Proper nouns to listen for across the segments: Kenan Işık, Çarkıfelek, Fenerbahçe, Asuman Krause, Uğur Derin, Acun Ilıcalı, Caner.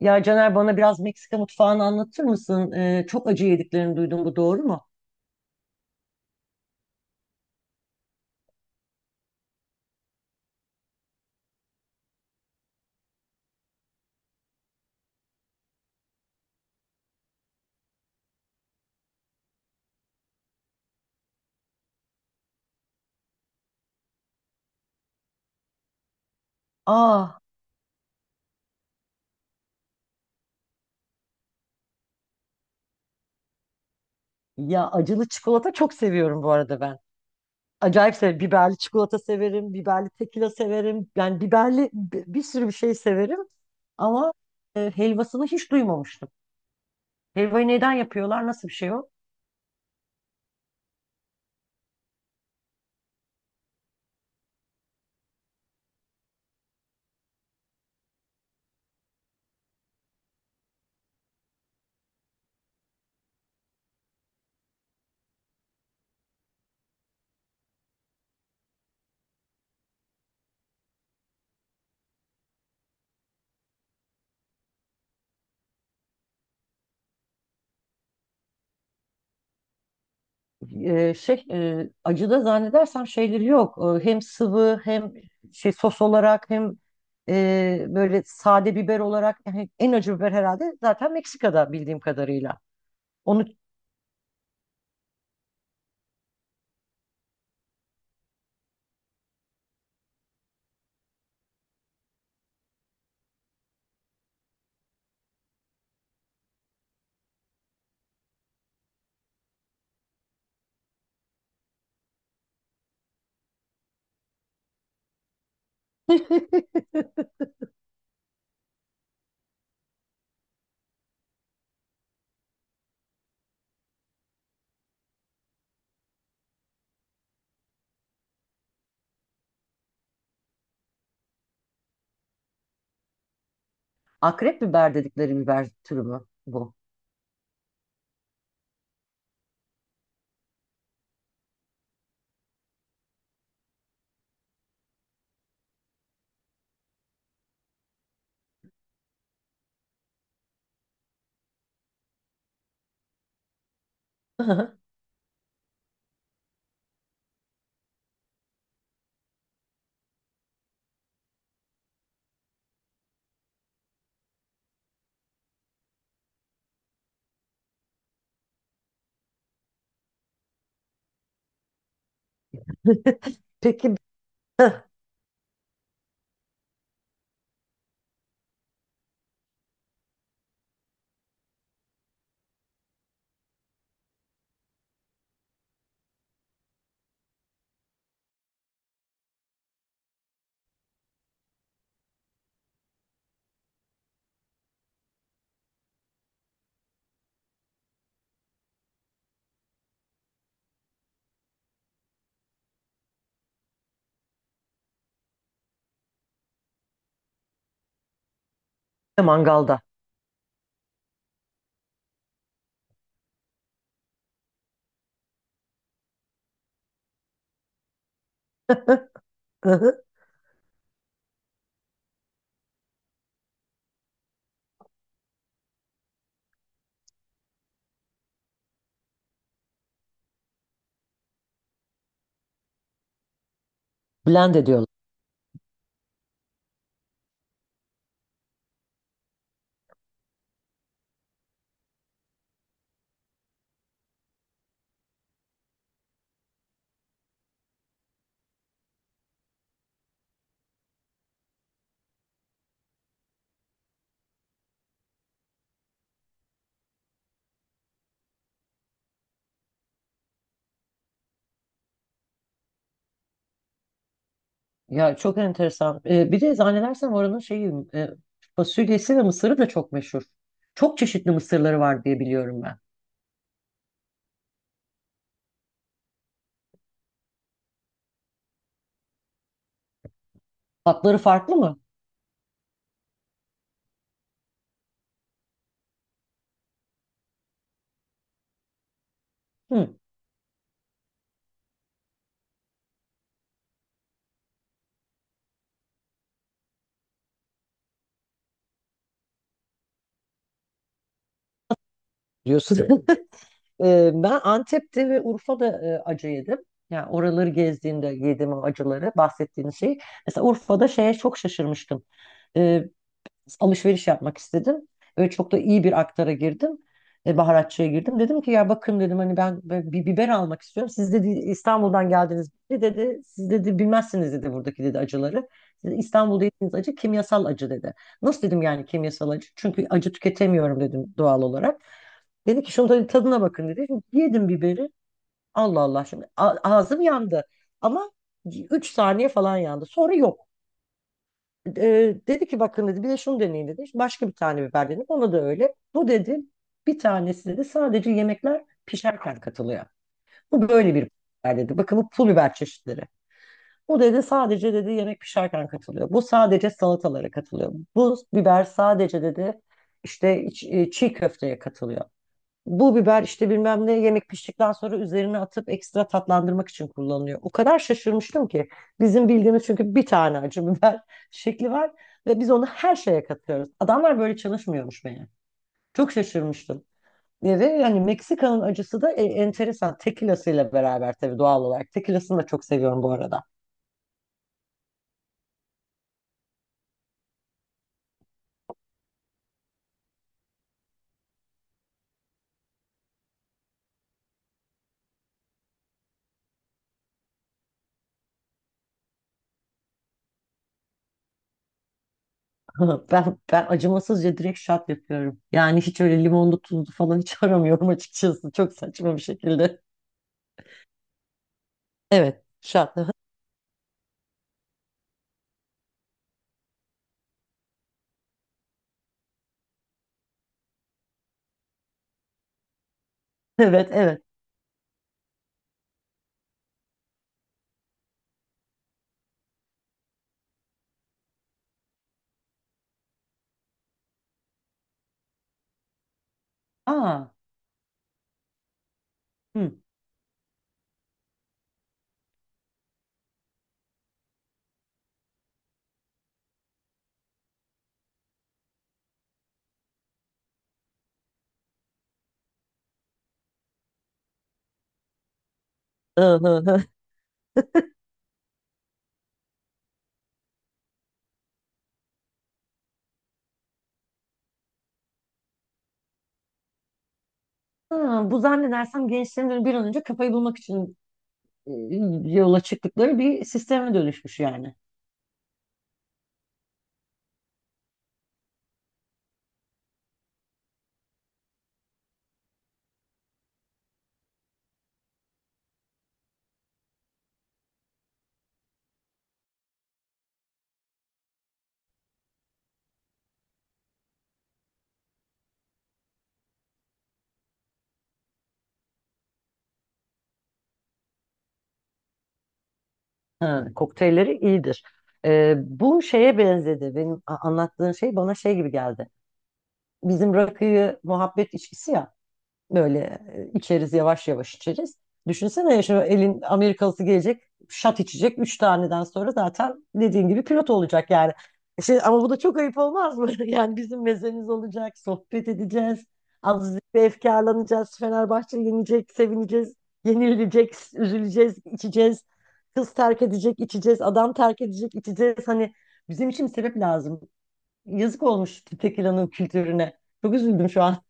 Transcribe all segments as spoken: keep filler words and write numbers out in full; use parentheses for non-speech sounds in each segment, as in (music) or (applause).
Ya Caner bana biraz Meksika mutfağını anlatır mısın? Ee, çok acı yediklerini duydum, bu doğru mu? Aa, ya acılı çikolata çok seviyorum bu arada ben. Acayip severim. Biberli çikolata severim, biberli tekila severim. Yani biberli bi- bir sürü bir şey severim. Ama e, helvasını hiç duymamıştım. Helvayı neden yapıyorlar? Nasıl bir şey o? Ee, şey, e, acıda zannedersem şeyleri yok. Ee, hem sıvı hem şey sos olarak hem e, böyle sade biber olarak, yani en acı biber herhalde zaten Meksika'da bildiğim kadarıyla. Onu (laughs) akrep biber dedikleri biber türü mü bu? (laughs) Peki bir de mangalda (laughs) blend ediyorlar. Ya çok enteresan. Ee, bir de zannedersem oranın şeyi, e, fasulyesi ve mısırı da çok meşhur. Çok çeşitli mısırları var diye biliyorum ben. Tatları farklı mı? Hı, diyorsun. (laughs) Ee, ben Antep'te ve Urfa'da e, acı yedim. Yani oraları gezdiğimde yediğim o acıları, bahsettiğiniz şey. Mesela Urfa'da şeye çok şaşırmıştım. Alışveriş yapmak istedim. Ve çok da iyi bir aktara girdim. E, baharatçıya girdim. Dedim ki ya bakın dedim, hani ben ben bir biber almak istiyorum. Siz, dedi, İstanbul'dan geldiniz, dedi. Dedi, siz, dedi, bilmezsiniz, dedi, buradaki, dedi, acıları. Siz İstanbul'da yediğiniz acı kimyasal acı, dedi. Nasıl, dedim, yani kimyasal acı? Çünkü acı tüketemiyorum, dedim, doğal olarak. Dedi ki şunu da tadına bakın, dedi. Şimdi yedim biberi. Allah Allah, şimdi a- ağzım yandı. Ama üç saniye falan yandı. Sonra yok. E, dedi ki bakın, dedi, bir de şunu deneyin, dedi. Başka bir tane biber denedim. Ona da öyle. Bu, dedi, bir tanesi, dedi, sadece yemekler pişerken katılıyor. Bu böyle bir biber, dedi. Bakın, bu pul biber çeşitleri. Bu, dedi, sadece, dedi, yemek pişerken katılıyor. Bu sadece salatalara katılıyor. Bu biber sadece, dedi, işte iç- e, çiğ köfteye katılıyor. Bu biber işte bilmem ne, yemek piştikten sonra üzerine atıp ekstra tatlandırmak için kullanılıyor. O kadar şaşırmıştım ki, bizim bildiğimiz, çünkü bir tane acı biber (laughs) şekli var ve biz onu her şeye katıyoruz. Adamlar böyle çalışmıyormuş meğer. Çok şaşırmıştım. E, ve yani Meksika'nın acısı da e, enteresan. Tequila'sıyla beraber tabii, doğal olarak. Tequila'sını da çok seviyorum bu arada. (laughs) Ben, ben acımasızca direkt şat yapıyorum. Yani hiç öyle limonlu tuzlu falan (laughs) hiç aramıyorum açıkçası. Çok saçma bir şekilde. Evet, şat. (laughs) Evet, evet. Aa, hı. (laughs) Ha, bu zannedersem gençlerin bir an önce kafayı bulmak için e, yola çıktıkları bir sisteme dönüşmüş yani. Ha, kokteylleri iyidir. Ee, bu şeye benzedi. Benim, a- anlattığın şey bana şey gibi geldi. Bizim rakıyı muhabbet içkisi ya, böyle e, içeriz, yavaş yavaş içeriz. Düşünsene ya, şu elin Amerikalısı gelecek, şat içecek. Üç taneden sonra zaten dediğin gibi pilot olacak yani. Şey, ama bu da çok ayıp olmaz mı? (laughs) Yani bizim mezemiz olacak, sohbet edeceğiz. Azıcık bir efkarlanacağız. Fenerbahçe yenecek, sevineceğiz. Yenilecek, üzüleceğiz, içeceğiz. Kız terk edecek, içeceğiz. Adam terk edecek, içeceğiz. Hani bizim için bir sebep lazım. Yazık olmuş tekilanın kültürüne. Çok üzüldüm şu an.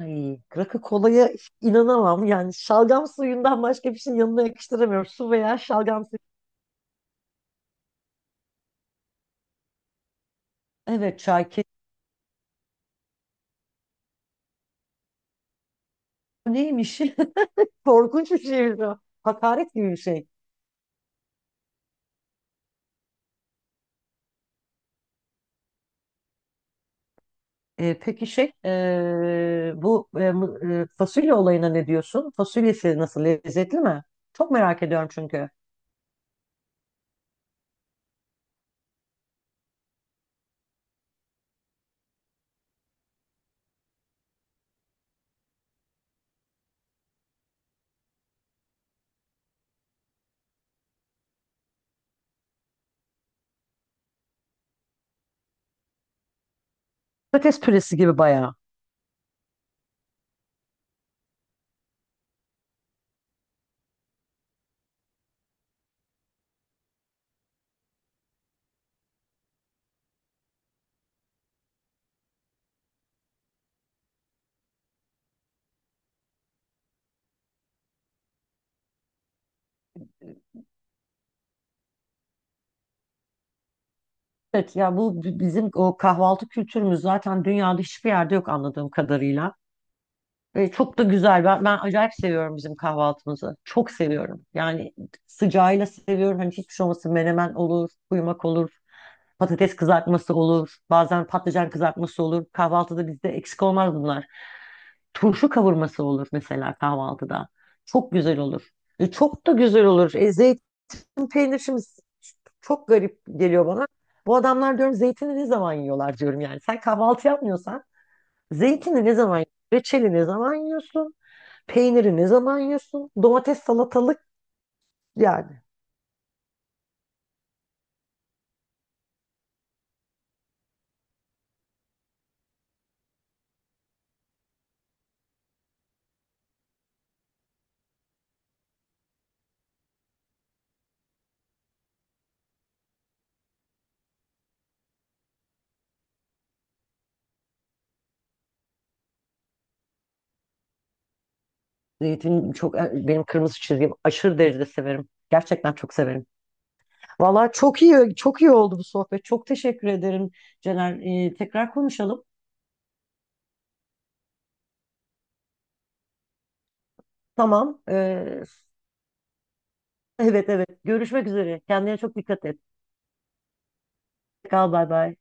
Ay, rakı kolaya inanamam. Yani şalgam suyundan başka bir şey yanına yakıştıramıyorum. Su veya şalgam suyu. Evet, çay ke- Neymiş? (laughs) Korkunç bir şeymiş o. Hakaret gibi bir şey. E, peki şey, e, bu e, m- e, fasulye olayına ne diyorsun? Fasulyesi nasıl, lezzetli mi? Çok merak ediyorum çünkü. Patates püresi gibi bayağı. Evet ya, bu bi- bizim o kahvaltı kültürümüz zaten dünyada hiçbir yerde yok, anladığım kadarıyla. Ve çok da güzel. Ben, ben acayip seviyorum bizim kahvaltımızı. Çok seviyorum. Yani sıcağıyla seviyorum. Hani hiçbir şey olmasın. Menemen olur, kuymak olur, patates kızartması olur, bazen patlıcan kızartması olur. Kahvaltıda bizde eksik olmaz bunlar. Turşu kavurması olur mesela kahvaltıda. Çok güzel olur. E, çok da güzel olur. E, zeytin peynir şimdi çok garip geliyor bana. Bu adamlar, diyorum, zeytini ne zaman yiyorlar, diyorum yani. Sen kahvaltı yapmıyorsan zeytini ne zaman yiyorsun? Reçeli ne zaman yiyorsun? Peyniri ne zaman yiyorsun? Domates, salatalık yani. Zeytin çok benim kırmızı çizgim. Aşırı derecede severim. Gerçekten çok severim. Valla çok iyi, çok iyi oldu bu sohbet. Çok teşekkür ederim Cener. Ee, tekrar konuşalım. Tamam. Ee, evet evet. Görüşmek üzere. Kendine çok dikkat et. Hoşça kal, bay bay.